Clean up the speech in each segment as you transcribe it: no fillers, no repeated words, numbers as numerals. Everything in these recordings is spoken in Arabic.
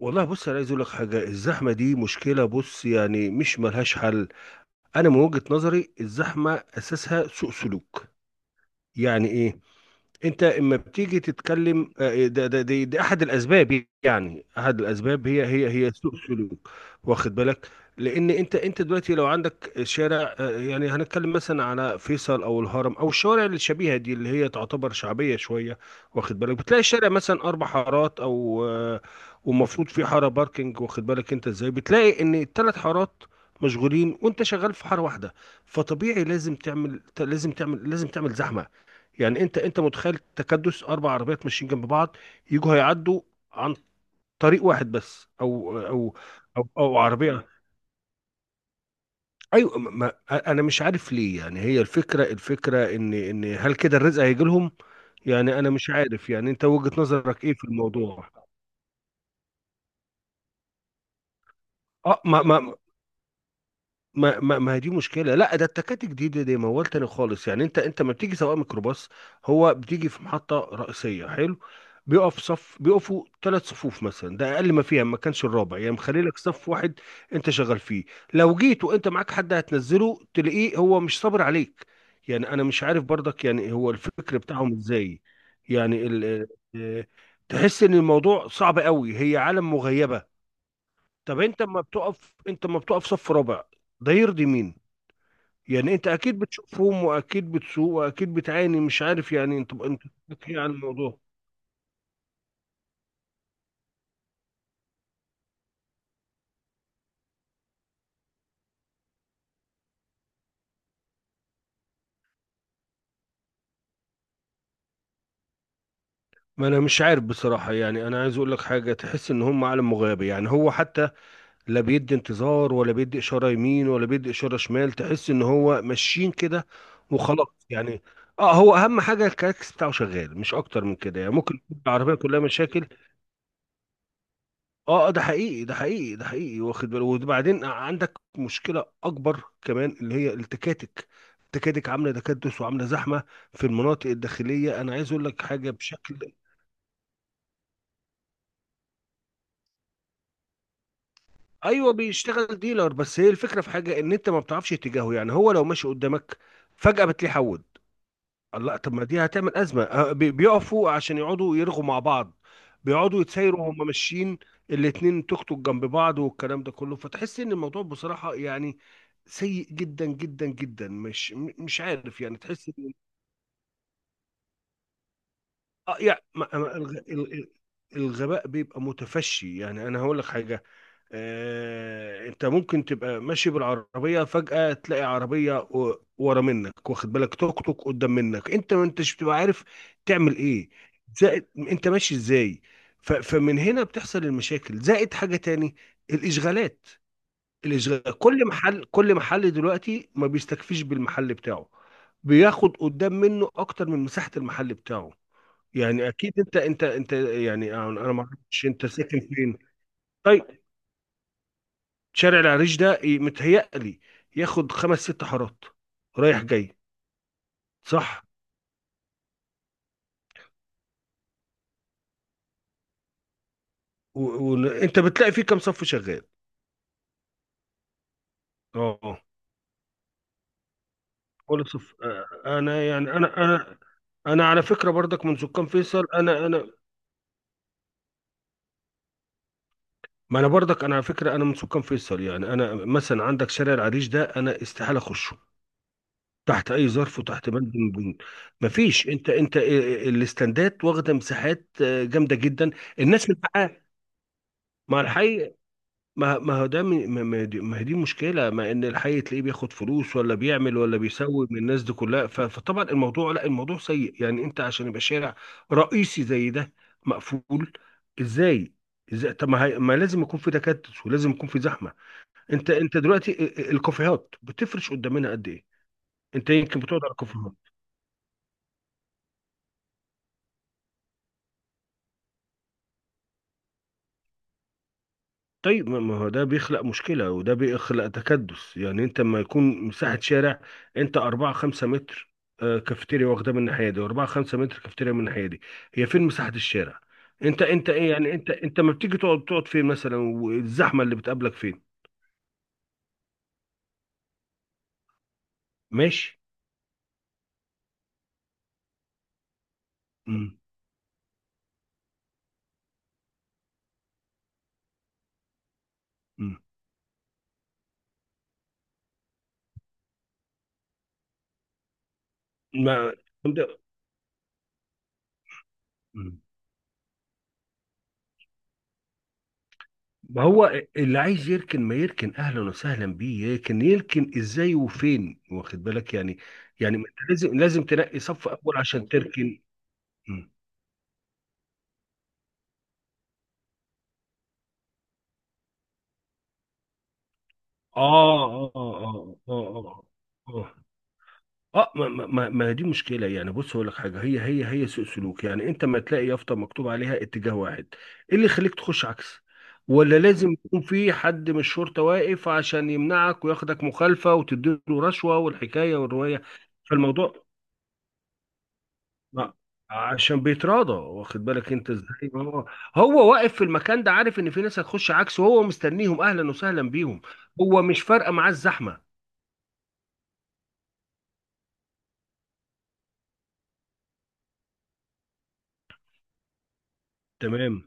والله، بص انا عايز اقول لك حاجه. الزحمه دي مشكله، بص يعني مش ملهاش حل. انا من وجهه نظري الزحمه اساسها سوء سلوك. يعني ايه؟ انت اما بتيجي تتكلم دي احد الاسباب يعني احد الاسباب هي سوء سلوك. واخد بالك؟ لان انت دلوقتي لو عندك شارع، يعني هنتكلم مثلا على فيصل او الهرم او الشوارع الشبيهه دي اللي هي تعتبر شعبيه شويه. واخد بالك؟ بتلاقي الشارع مثلا 4 حارات او آه، ومفروض في حاره باركنج. واخد بالك انت ازاي؟ بتلاقي ان ال3 حارات مشغولين وانت شغال في حاره واحده. فطبيعي لازم تعمل زحمه. يعني انت متخيل تكدس 4 عربيات ماشيين جنب بعض، يجوا هيعدوا عن طريق واحد بس أو عربيه. ايوه، انا مش عارف ليه. يعني هي الفكره ان هل كده الرزق هيجي لهم؟ يعني انا مش عارف، يعني انت وجهه نظرك ايه في الموضوع؟ اه، ما هي دي مشكله. لا ده التكاتك دي موال تاني خالص. يعني انت ما بتيجي سواق ميكروباص، هو بتيجي في محطه رئيسيه، حلو. بيقف صف، بيقفوا 3 صفوف مثلا. ده اقل ما فيها، ما كانش الرابع يعني مخلي لك صف واحد انت شغال فيه. لو جيت وانت معاك حد هتنزله تلاقيه هو مش صابر عليك. يعني انا مش عارف برضك، يعني هو الفكر بتاعهم ازاي؟ يعني آه، تحس ان الموضوع صعب قوي. هي عالم مغيبه. طب انت ما بتقف صف رابع. ده يرضي مين؟ يعني انت اكيد بتشوفهم واكيد بتسوق واكيد بتعاني، مش عارف، يعني انت بتحكي ايه عن الموضوع؟ ما انا مش عارف بصراحة. يعني انا عايز اقول لك حاجة، تحس ان هم عالم مغيب. يعني هو حتى لا بيدي انتظار ولا بيدي اشارة يمين ولا بيدي اشارة شمال، تحس ان هو ماشيين كده وخلاص. يعني اه، هو اهم حاجة الكاكس بتاعه شغال، مش اكتر من كده. يعني ممكن يكون العربية كلها مشاكل. اه، ده حقيقي. واخد بالك؟ وبعدين عندك مشكلة أكبر كمان، اللي هي التكاتك. التكاتك عاملة تكدس وعاملة زحمة في المناطق الداخلية. أنا عايز أقول لك حاجة بشكل... أيوه بيشتغل ديلر. بس هي الفكرة في حاجة، إن أنت ما بتعرفش اتجاهه. يعني هو لو ماشي قدامك فجأة بتلاقيه حول. لا، طب ما دي هتعمل أزمة. بيقفوا عشان يقعدوا يرغوا مع بعض، بيقعدوا يتسايروا وهم ماشيين، الاتنين توك توك جنب بعض والكلام ده كله. فتحس ان الموضوع بصراحة يعني سيء جدا جدا جدا. مش عارف، يعني تحس ان... اه، الغباء بيبقى متفشي. يعني انا هقول لك حاجة، انت ممكن تبقى ماشي بالعربيه، فجاه تلاقي عربيه ورا منك، واخد بالك، توك توك قدام منك، انت ما انتش بتبقى عارف تعمل ايه، زائد انت ماشي ازاي. فمن هنا بتحصل المشاكل، زائد حاجه تاني: الاشغالات. الاشغال، كل محل دلوقتي ما بيستكفيش بالمحل بتاعه، بياخد قدام منه اكتر من مساحه المحل بتاعه. يعني اكيد انت يعني أنا ما اعرفش انت ساكن فين. طيب شارع العريش ده متهيألي ياخد 5 6 حارات رايح جاي. صح؟ وانت بتلاقي فيه كام صف شغال؟ اه، آه. كل صف. انا يعني انا على فكره برضك من سكان فيصل. انا انا ما انا برضك انا على فكره، انا من سكان فيصل. يعني انا مثلا عندك شارع العريش ده، انا استحاله اخشه تحت اي ظرف وتحت بند من البنود. مفيش. انت الاستندات واخده مساحات جامده جدا. الناس من حقها مع الحي. ما ما هو ده من- ما ما دي ما هي دي مشكلة، ما ان الحي تلاقيه بياخد فلوس ولا بيعمل ولا بيسوي من الناس دي كلها. فطبعا الموضوع... لا الموضوع سيء. يعني انت عشان يبقى شارع رئيسي زي ده مقفول ازاي؟ ازاي؟ طب ما لازم يكون في تكدس ولازم يكون في زحمة. انت دلوقتي الكافيهات بتفرش قدامنا قد ايه؟ انت يمكن بتقعد على الكافيهات. طيب ما ما هو ده بيخلق مشكلة وده بيخلق تكدس. يعني انت لما يكون مساحة شارع، 4 5 متر كافيتيريا واخدة من الناحية دي، وأربعة خمسة متر كافيتيريا من الناحية دي، هي فين مساحة الشارع؟ انت انت ايه يعني انت انت ما بتيجي تقعد، تقعد فين مثلا، والزحمة اللي بتقابلك فين؟ ماشي. مم. مم. ما انت- مم. ما هو اللي عايز يركن ما يركن، اهلا وسهلا بيه. يركن يركن ازاي وفين؟ واخد بالك يعني. يعني ما انت لازم تنقي صف اول عشان تركن. مم. اه، اه، اه، اه، اه، اه، اه، ما دي مشكله. يعني بص اقول لك حاجه، هي سوء سلوك. يعني انت ما تلاقي يافطه مكتوب عليها اتجاه واحد، ايه اللي يخليك تخش عكس؟ ولا لازم يكون في حد من الشرطه واقف عشان يمنعك وياخدك مخالفه وتديله رشوه والحكايه والروايه؟ فالموضوع... ما- عشان بيتراضى. واخد بالك انت ازاي؟ هو واقف في المكان ده، عارف ان في ناس هتخش عكسه وهو مستنيهم اهلا وسهلا بيهم. هو مش فارقه معاه الزحمه. تمام.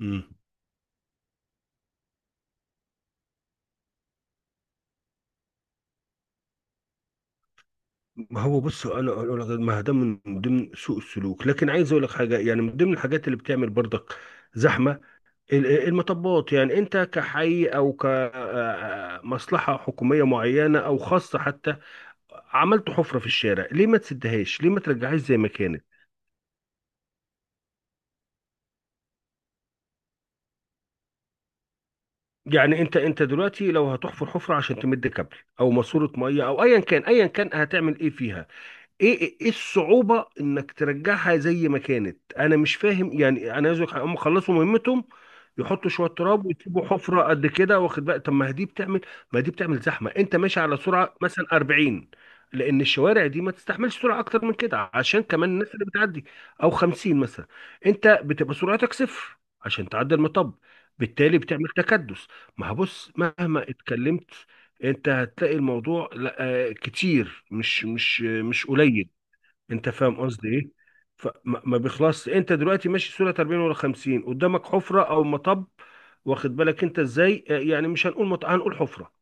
امم ما هو بص انا أقول لك، ما ده من ضمن سوء السلوك. لكن عايز اقول لك حاجه، يعني من ضمن الحاجات اللي بتعمل برضك زحمه: المطبات. يعني انت كحي او كمصلحه حكوميه معينه او خاصه حتى، عملت حفره في الشارع، ليه ما تسدهاش؟ ليه ما ترجعهاش زي ما كانت؟ يعني انت دلوقتي لو هتحفر حفره عشان تمد كابل او ماسوره ميه او ايا كان هتعمل ايه فيها؟ ايه ايه إيه الصعوبة انك ترجعها زي ما كانت؟ انا مش فاهم. يعني انا عايز أقولك حاجة، هم خلصوا مهمتهم، يحطوا شوية تراب ويسيبوا حفرة قد كده واخد بقى. طب ما دي بتعمل زحمة. انت ماشي على سرعة مثلا 40، لان الشوارع دي ما تستحملش سرعة اكتر من كده، عشان كمان الناس اللي بتعدي، او 50 مثلا. انت بتبقى سرعتك صفر عشان تعدي المطب، بالتالي بتعمل تكدس. ما هبص، مهما اتكلمت انت هتلاقي الموضوع لا كتير، مش قليل. انت فاهم قصدي ايه؟ ما بيخلصش. انت دلوقتي ماشي سورة 40 ولا 50، قدامك حفرة او مطب، واخد بالك انت ازاي؟ يعني مش هنقول مط... هنقول حفرة.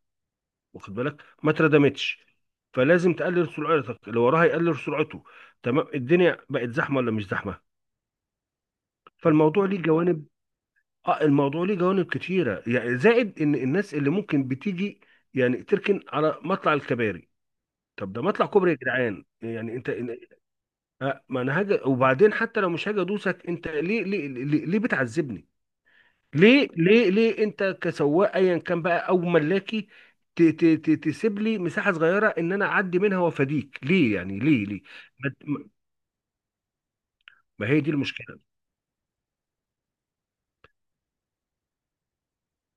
واخد بالك؟ ما اتردمتش، فلازم تقلل سرعتك، اللي وراها يقلل سرعته. تمام. الدنيا بقت زحمة ولا مش زحمة؟ فالموضوع ليه جوانب. اه، الموضوع ليه جوانب كتيرة. يعني زائد ان الناس اللي ممكن بتيجي يعني تركن على مطلع الكباري. طب ده مطلع كوبري يا جدعان. يعني انت ما انا هاجي. وبعدين حتى لو مش هاجي ادوسك، انت ليه بتعذبني؟ ليه انت كسواق ايا كان بقى او ملاكي، تسيب لي مساحه صغيره ان انا اعدي منها وافاديك، ليه؟ يعني ليه ما ما- ما هي دي المشكله.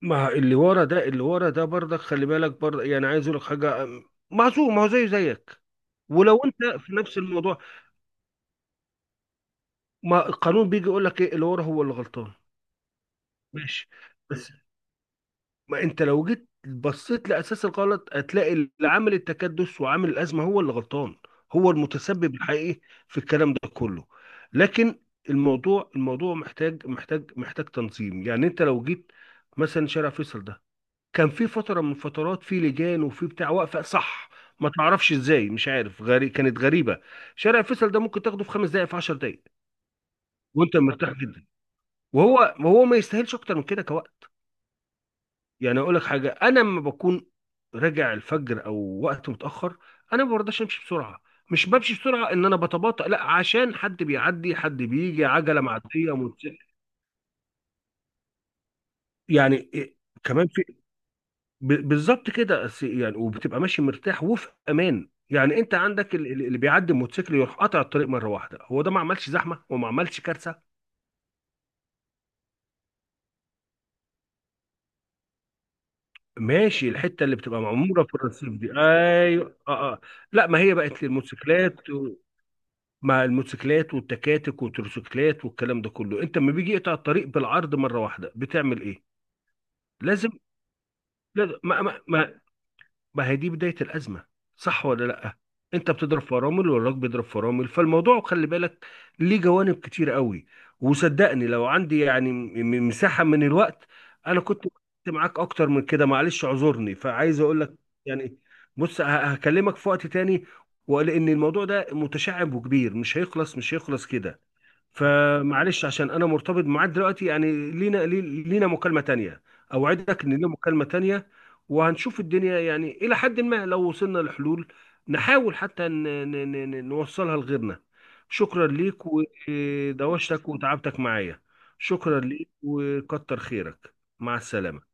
ما اللي ورا ده، برضك خلي بالك برضك. يعني عايز اقول لك حاجه، معصوم، ما هو زيه زيك. ولو انت في نفس الموضوع، ما القانون بيجي يقول لك ايه؟ اللي ورا هو اللي غلطان. ماشي. بس ما انت لو جيت بصيت لاساس الغلط هتلاقي اللي عامل التكدس وعامل الازمه هو اللي غلطان، هو المتسبب الحقيقي في الكلام ده كله. لكن الموضوع محتاج تنظيم. يعني انت لو جيت مثلا شارع فيصل ده، كان في فتره من فترات في لجان وفي بتاع واقفه، صح. ما تعرفش ازاي، مش عارف، غري... كانت غريبه. شارع فيصل ده ممكن تاخده في 5 دقائق، في 10 دقائق، وانت مرتاح جدا. وهو ما يستاهلش اكتر من كده كوقت. يعني اقول لك حاجه، انا لما بكون راجع الفجر او وقت متاخر، انا ما برضاش امشي بسرعه. مش بمشي بسرعه ان انا بتباطأ، لا، عشان حد بيعدي، حد بيجي، عجله، معديه، موتوسيكل. يعني إيه كمان؟ في... بالظبط كده. يعني وبتبقى ماشي مرتاح وفي امان. يعني انت عندك اللي بيعدي الموتوسيكل يروح قاطع الطريق مره واحده، هو ده ما عملش زحمه وما عملش كارثه. ماشي. الحته اللي بتبقى معموره في الرصيف دي، ايوه، اه لا، ما هي بقت للموتوسيكلات. مع الموتوسيكلات والتكاتك والتروسيكلات والكلام ده كله، انت لما بيجي يقطع الطريق بالعرض مره واحده بتعمل ايه؟ لازم لازم. ما ما ما, ما هي دي بدايه الازمه. صح ولا لا؟ انت بتضرب فرامل والراجل بيضرب فرامل، فالموضوع خلي بالك ليه جوانب كتير قوي. وصدقني لو عندي يعني مساحه من الوقت، انا كنت كنت معاك اكتر من كده. معلش اعذرني، فعايز اقول لك يعني... بص، هكلمك في وقت تاني. ولان الموضوع ده متشعب وكبير، مش هيخلص كده. فمعلش عشان انا مرتبط معاك دلوقتي. يعني لينا لينا مكالمة تانية. اوعدك ان لينا مكالمة تانية، وهنشوف الدنيا، يعني الى حد ما لو وصلنا لحلول نحاول حتى نوصلها لغيرنا. شكرا ليك، ودوشتك وتعبتك معايا. شكرا ليك وكتر خيرك. مع السلامة.